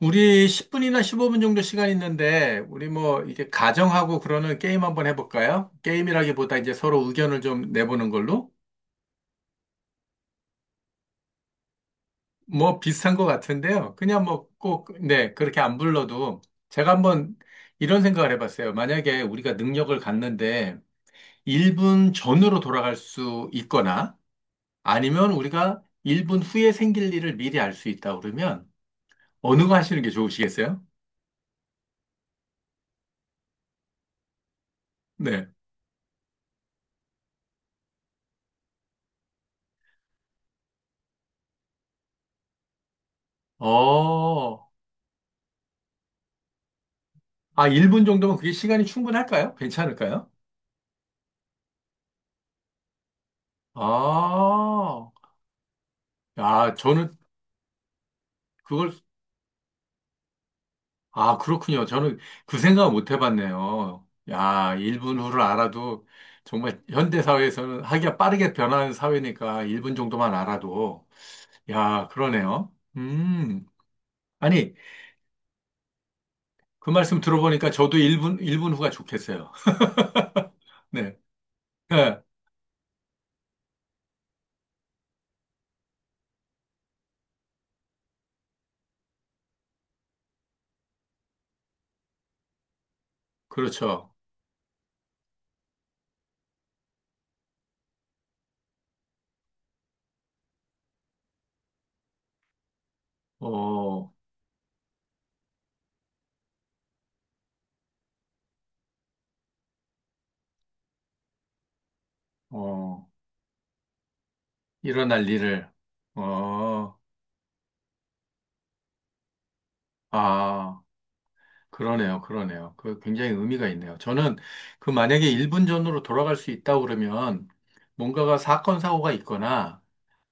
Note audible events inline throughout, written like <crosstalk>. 우리 10분이나 15분 정도 시간 있는데, 우리 뭐, 이게 가정하고 그러는 게임 한번 해볼까요? 게임이라기보다 이제 서로 의견을 좀 내보는 걸로? 뭐 비슷한 것 같은데요. 그냥 뭐 꼭, 네, 그렇게 안 불러도 제가 한번 이런 생각을 해봤어요. 만약에 우리가 능력을 갖는데 1분 전으로 돌아갈 수 있거나 아니면 우리가 1분 후에 생길 일을 미리 알 수 있다 그러면 어느 거 하시는 게 좋으시겠어요? 네. 어, 1분 정도면 그게 시간이 충분할까요? 괜찮을까요? 아, 야, 저는 그걸, 아, 그렇군요. 저는 그 생각을 못 해봤네요. 야, 1분 후를 알아도 정말 현대사회에서는 하기가 빠르게 변하는 사회니까 1분 정도만 알아도, 야, 그러네요. 아니, 그 말씀 들어보니까 저도 1분, 일분 후가 좋겠어요. <laughs> 네, 네, 그렇죠. 어, 어, 일어날 일을, 어, 아. 그러네요, 그러네요. 그 굉장히 의미가 있네요. 저는 그 만약에 1분 전으로 돌아갈 수 있다고 그러면 뭔가가 사건, 사고가 있거나,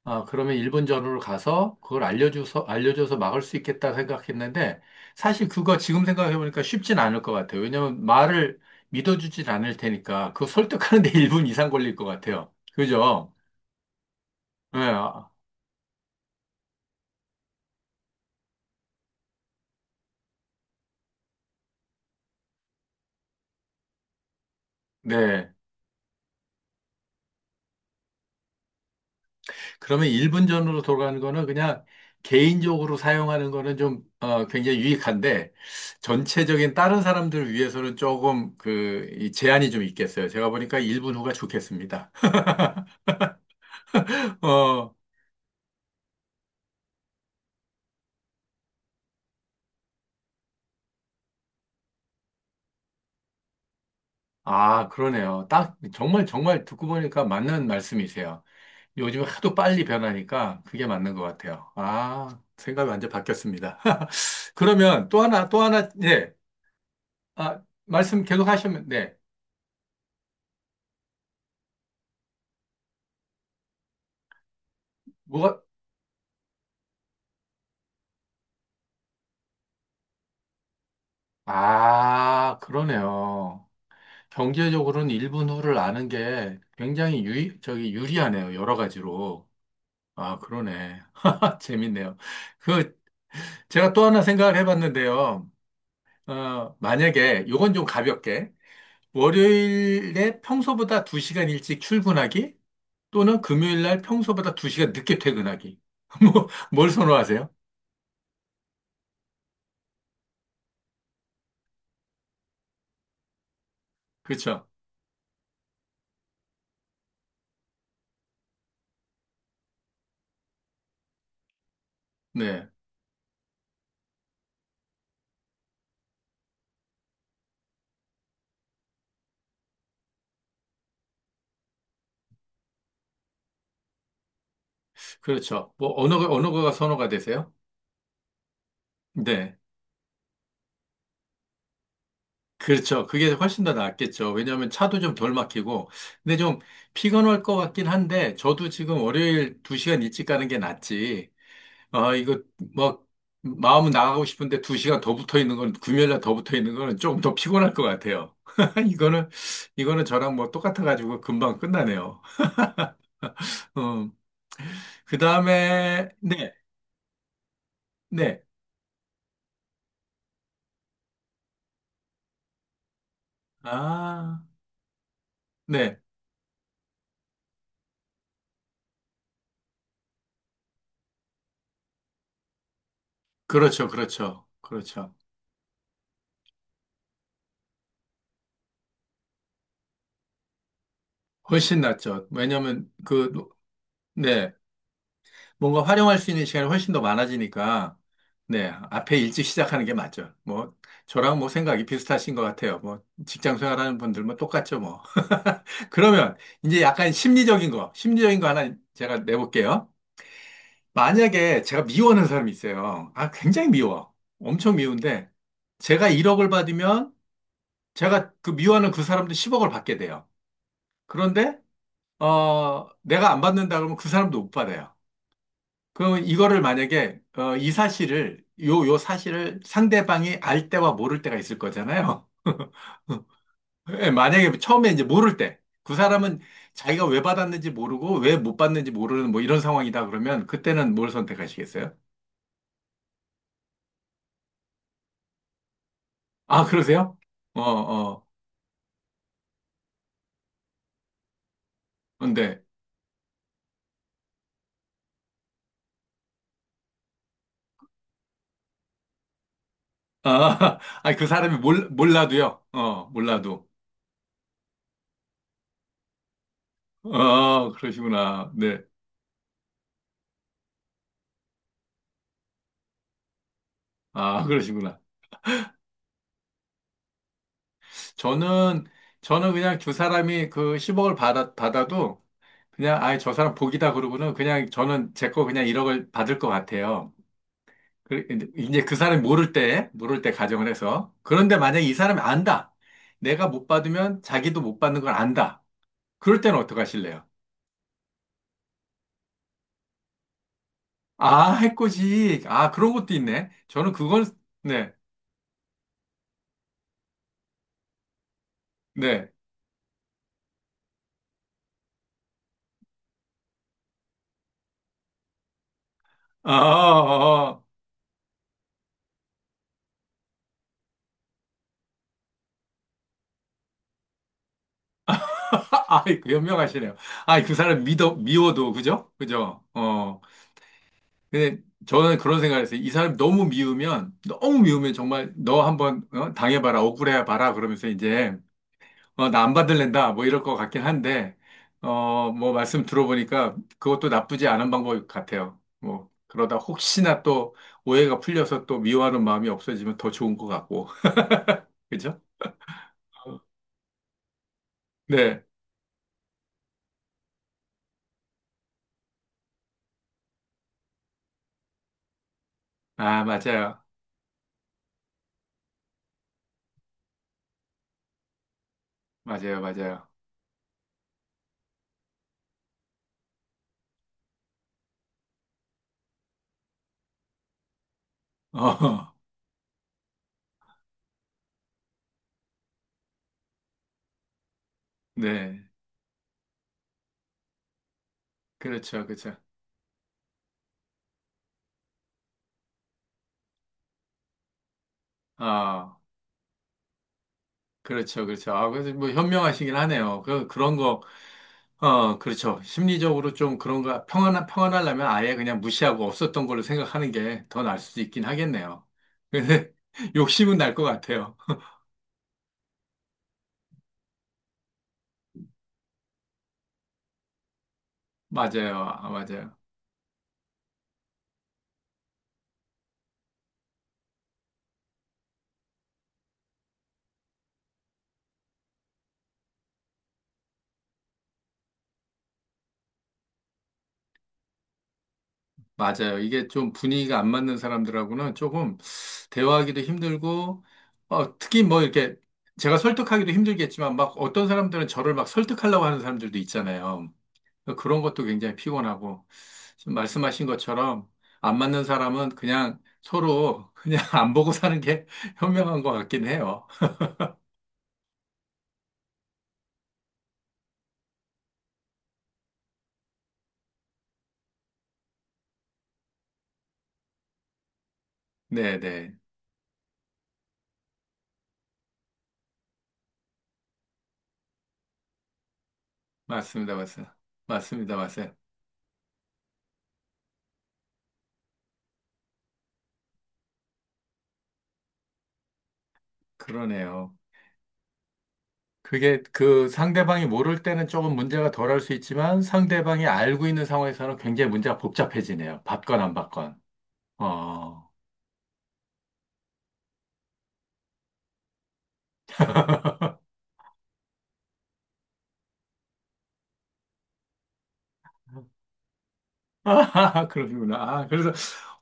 아, 그러면 1분 전으로 가서 그걸 알려줘서, 알려줘서 막을 수 있겠다 생각했는데, 사실 그거 지금 생각해보니까 쉽진 않을 것 같아요. 왜냐면 말을 믿어주진 않을 테니까, 그거 설득하는데 <laughs> 1분 이상 걸릴 것 같아요. 그죠? 네, 아, 네. 그러면 1분 전으로 돌아가는 거는 그냥 개인적으로 사용하는 거는 굉장히 유익한데 전체적인 다른 사람들을 위해서는 조금 그 이 제한이 좀 있겠어요. 제가 보니까 1분 후가 좋겠습니다. <laughs> 어, 아, 그러네요. 딱 정말 정말 듣고 보니까 맞는 말씀이세요. 요즘 하도 빨리 변하니까 그게 맞는 것 같아요. 아, 생각이 완전 바뀌었습니다. <laughs> 그러면 또 하나, 또 하나, 네. 아, 말씀 계속 하시면, 네. 뭐가, 아, 그러네요. 경제적으로는 일본 후를 아는 게 굉장히 유리, 저기 유리하네요. 여러 가지로. 아, 그러네. <laughs> 재밌네요. 그, 제가 또 하나 생각을 해봤는데요. 어, 만약에, 요건 좀 가볍게, 월요일에 평소보다 2시간 일찍 출근하기, 또는 금요일날 평소보다 2시간 늦게 퇴근하기. <laughs> 뭐, 뭘 선호하세요? 그렇죠. 네. 그렇죠. 뭐, 어느 거가 선호가 되세요? 네. 그렇죠. 그게 훨씬 더 낫겠죠. 왜냐하면 차도 좀 덜 막히고. 근데 좀 피곤할 것 같긴 한데, 저도 지금 월요일 2시간 일찍 가는 게 낫지. 아, 이거 뭐, 마음은 나가고 싶은데 2시간 더 붙어 있는 건, 금요일날 더 붙어 있는 거는 조금 더 피곤할 것 같아요. <laughs> 이거는, 이거는 저랑 뭐 똑같아가지고 금방 끝나네요. <laughs> 음, 그 다음에, 네, 네. 아, 네. 그렇죠. 그렇죠. 그렇죠. 훨씬 낫죠. 왜냐면 그, 네. 뭔가 활용할 수 있는 시간이 훨씬 더 많아지니까, 네, 앞에 일찍 시작하는 게 맞죠. 뭐, 저랑 뭐 생각이 비슷하신 것 같아요. 뭐, 직장 생활하는 분들 뭐 똑같죠, 뭐. <laughs> 그러면 이제 약간 심리적인 거 하나 제가 내볼게요. 만약에 제가 미워하는 사람이 있어요. 아, 굉장히 미워. 엄청 미운데, 제가 1억을 받으면 제가 그 미워하는 그 사람도 10억을 받게 돼요. 그런데, 어, 내가 안 받는다 그러면 그 사람도 못 받아요. 그럼 이거를 만약에 어, 이 사실을 요, 요 사실을 상대방이 알 때와 모를 때가 있을 거잖아요. <laughs> 예, 만약에 처음에 이제 모를 때 그 사람은 자기가 왜 받았는지 모르고 왜 못 받는지 모르는 뭐 이런 상황이다 그러면 그때는 뭘 선택하시겠어요? 아, 그러세요? 어, 어. 근데 아, <laughs> 아니, 그 사람이 몰라도요. 어, 몰라도. 어, 그러시구나. 네. 아, 그러시구나. 저는 저는 그냥 두 사람이 그 10억을 받아, 받아도 그냥 아예 저 사람 복이다 그러고는 그냥 저는 제 거 그냥 1억을 받을 것 같아요. 그- 이제 그 사람이 모를 때 가정을 해서. 그런데 만약에 이 사람이 안다. 내가 못 받으면 자기도 못 받는 걸 안다. 그럴 때는 어떡하실래요? 아, 해코지. 아, 그런 것도 있네. 저는 그건, 네, 네. 아. <laughs> 아이, 그 현명하시네요. 아이, 미워도, 그죠? 그죠? 어 근데 저는 그런 생각을 했어요. 이 사람이 너무 미우면 정말 너 한번 어? 당해봐라, 억울해봐라, 그러면서 이제, 어, 나 안 받을랜다, 뭐 이럴 것 같긴 한데, 어, 뭐 말씀 들어보니까 그것도 나쁘지 않은 방법 같아요. 뭐, 그러다 혹시나 또 오해가 풀려서 또 미워하는 마음이 없어지면 더 좋은 것 같고, <laughs> 그죠? 네. 아, 맞아요. 맞아요, 맞아요. 어, <laughs> 네. 그렇죠, 그렇죠. 아. 그렇죠, 그렇죠. 아, 그래서 뭐 현명하시긴 하네요. 그런 거, 어, 그렇죠. 심리적으로 좀 그런 거, 평안하려면 아예 그냥 무시하고 없었던 걸로 생각하는 게 더 나을 수도 있긴 하겠네요. 근데 <laughs> 욕심은 날 것 같아요. 맞아요. 아, 맞아요. 맞아요. 이게 좀 분위기가 안 맞는 사람들하고는 조금 대화하기도 힘들고, 어, 특히 뭐 이렇게 제가 설득하기도 힘들겠지만 막 어떤 사람들은 저를 막 설득하려고 하는 사람들도 있잖아요. 그러니까 그런 것도 굉장히 피곤하고, 지금 말씀하신 것처럼 안 맞는 사람은 그냥 서로 그냥 <laughs> 안 보고 사는 게 <laughs> 현명한 것 같긴 해요. 네네. 맞습니다. 맞습니다. 맞습니다. 맞아요. 그러네요. 그게 그 상대방이 모를 때는 조금 문제가 덜할 수 있지만 상대방이 알고 있는 상황에서는 굉장히 문제가 복잡해지네요. 받건 안 받건. 어. 아, <laughs> 그러시구나. 아, 그래서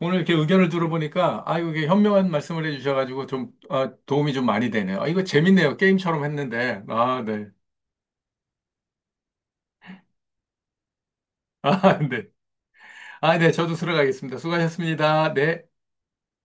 오늘 이렇게 의견을 들어보니까, 아, 이게 현명한 말씀을 해주셔가지고 좀 아, 도움이 좀 많이 되네요. 아, 이거 재밌네요. 게임처럼 했는데. 아, 네. 아, <laughs> 네. 아, 네. 저도 들어가겠습니다. 수고하셨습니다. 네.